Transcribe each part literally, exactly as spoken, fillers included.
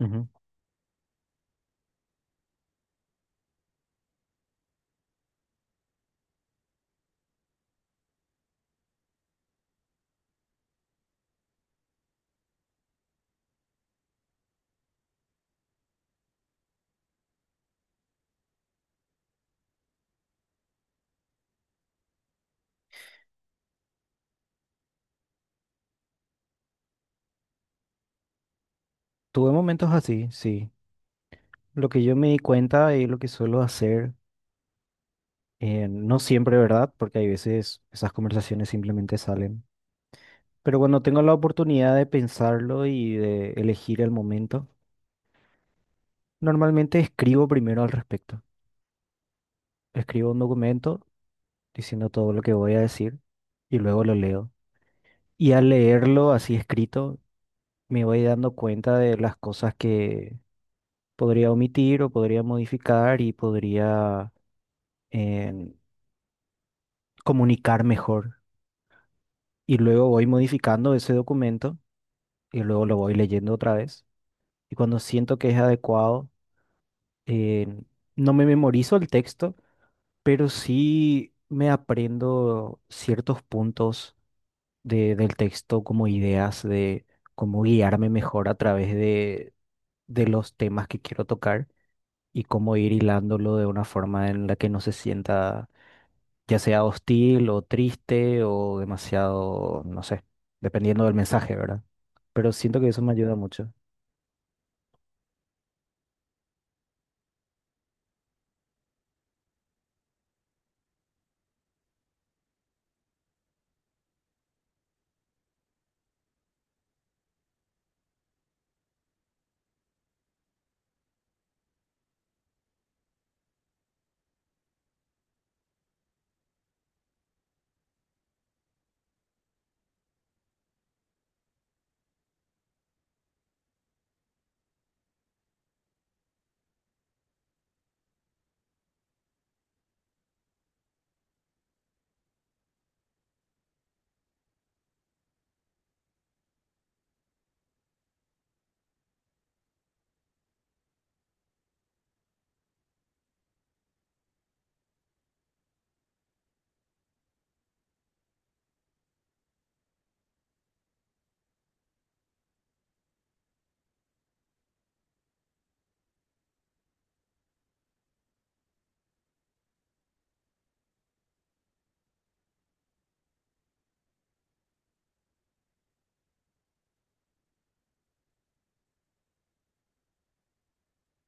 Ujú. Tuve momentos así, sí. Lo que yo me di cuenta y lo que suelo hacer, eh, no siempre, ¿verdad? Porque hay veces esas conversaciones simplemente salen. Pero cuando tengo la oportunidad de pensarlo y de elegir el momento, normalmente escribo primero al respecto. Escribo un documento diciendo todo lo que voy a decir y luego lo leo. Y al leerlo así escrito, me voy dando cuenta de las cosas que podría omitir o podría modificar y podría... em, comunicar mejor. Y luego voy modificando ese documento y luego lo voy leyendo otra vez. Y cuando siento que es adecuado, eh, no me memorizo el texto, pero sí me aprendo ciertos puntos de- del texto como ideas de cómo guiarme mejor a través de, de los temas que quiero tocar y cómo ir hilándolo de una forma en la que no se sienta ya sea hostil o triste o demasiado, no sé, dependiendo del mensaje, ¿verdad? Pero siento que eso me ayuda mucho.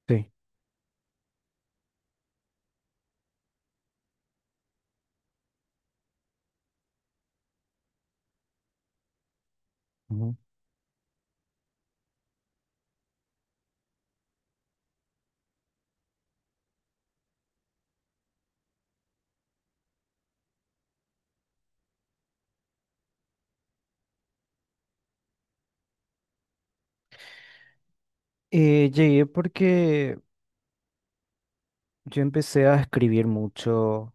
Sí. Ujú. Eh, llegué porque yo empecé a escribir mucho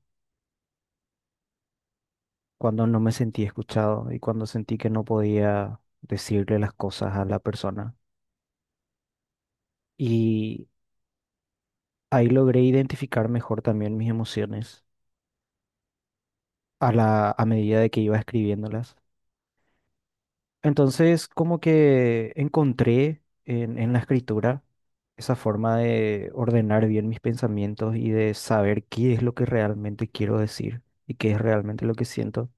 cuando no me sentí escuchado y cuando sentí que no podía decirle las cosas a la persona. Y ahí logré identificar mejor también mis emociones a la, a medida de que iba escribiéndolas. Entonces, como que encontré en, en la escritura esa forma de ordenar bien mis pensamientos y de saber qué es lo que realmente quiero decir y qué es realmente lo que siento.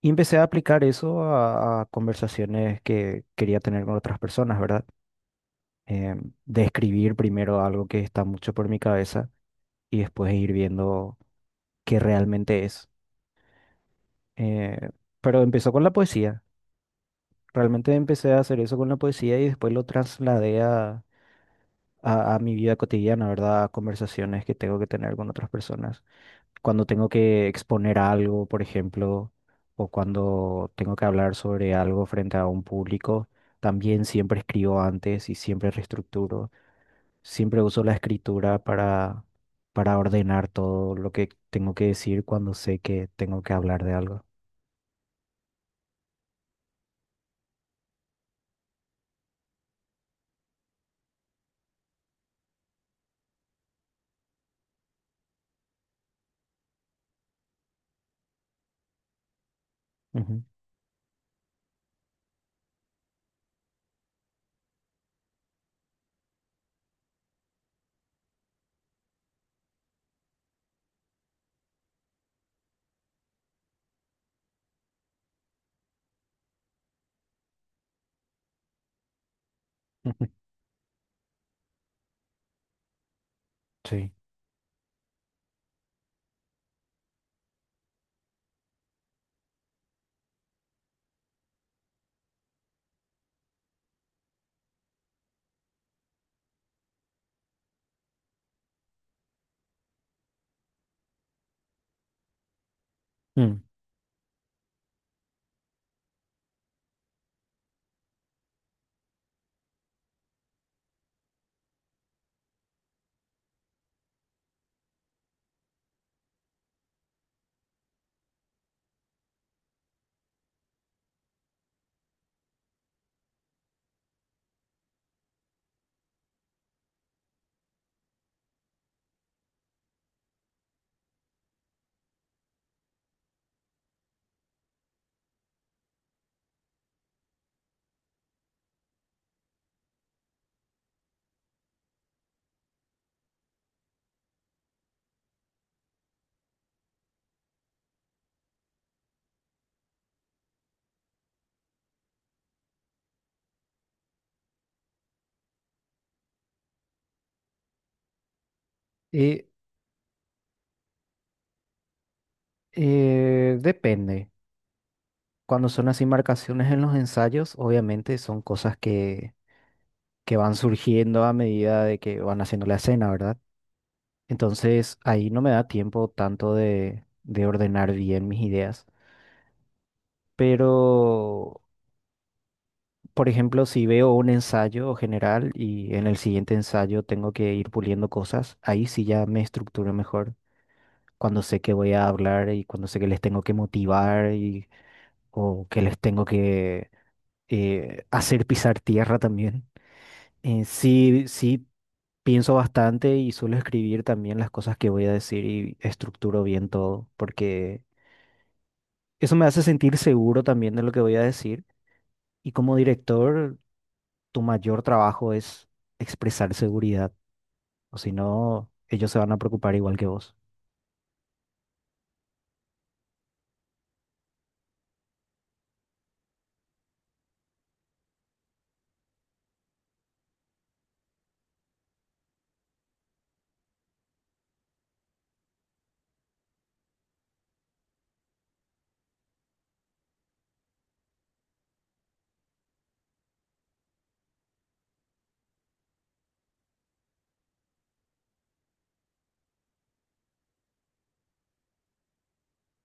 Y empecé a aplicar eso a, a conversaciones que quería tener con otras personas, ¿verdad? Em, de escribir primero algo que está mucho por mi cabeza y después ir viendo qué realmente es. Eh, pero empezó con la poesía. Realmente empecé a hacer eso con la poesía y después lo trasladé a, a mi vida cotidiana, ¿verdad? A conversaciones que tengo que tener con otras personas. Cuando tengo que exponer algo, por ejemplo, o cuando tengo que hablar sobre algo frente a un público, también siempre escribo antes y siempre reestructuro. Siempre uso la escritura para, para ordenar todo lo que tengo que decir cuando sé que tengo que hablar de algo. Ujú. Sí. Mm. Y eh, Depende. Cuando son así marcaciones en los ensayos, obviamente son cosas que, que van surgiendo a medida de que van haciendo la escena, ¿verdad? Entonces ahí no me da tiempo tanto de, de ordenar bien mis ideas. Pero, por ejemplo, si veo un ensayo general y en el siguiente ensayo tengo que ir puliendo cosas, ahí sí ya me estructuro mejor. Cuando sé que voy a hablar y cuando sé que les tengo que motivar y, o que les tengo que eh, hacer pisar tierra también. Eh, sí, sí, pienso bastante y suelo escribir también las cosas que voy a decir y estructuro bien todo, porque eso me hace sentir seguro también de lo que voy a decir. Y como director, tu mayor trabajo es expresar seguridad, o si no, ellos se van a preocupar igual que vos.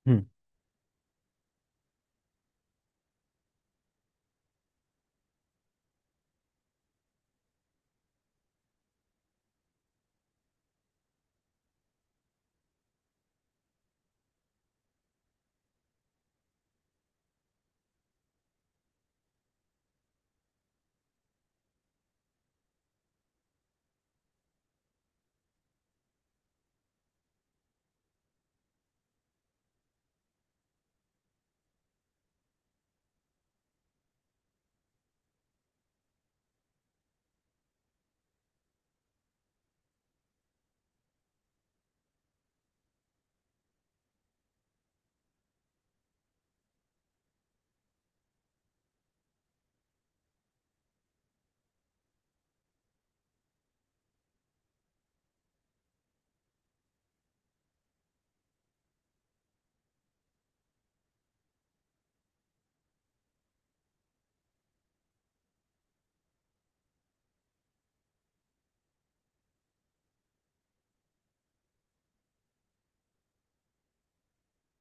Mm.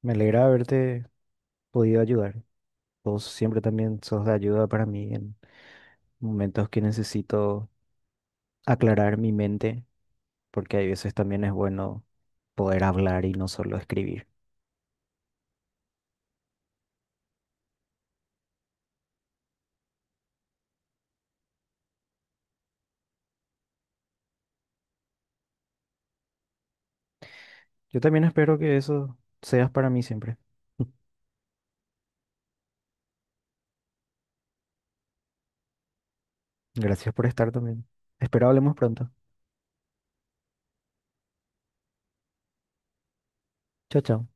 Me alegra haberte podido ayudar. Vos siempre también sos de ayuda para mí en momentos que necesito aclarar mi mente, porque hay veces también es bueno poder hablar y no solo escribir. Yo también espero que eso seas para mí siempre. Gracias por estar también. Espero hablemos pronto. Chao, chao.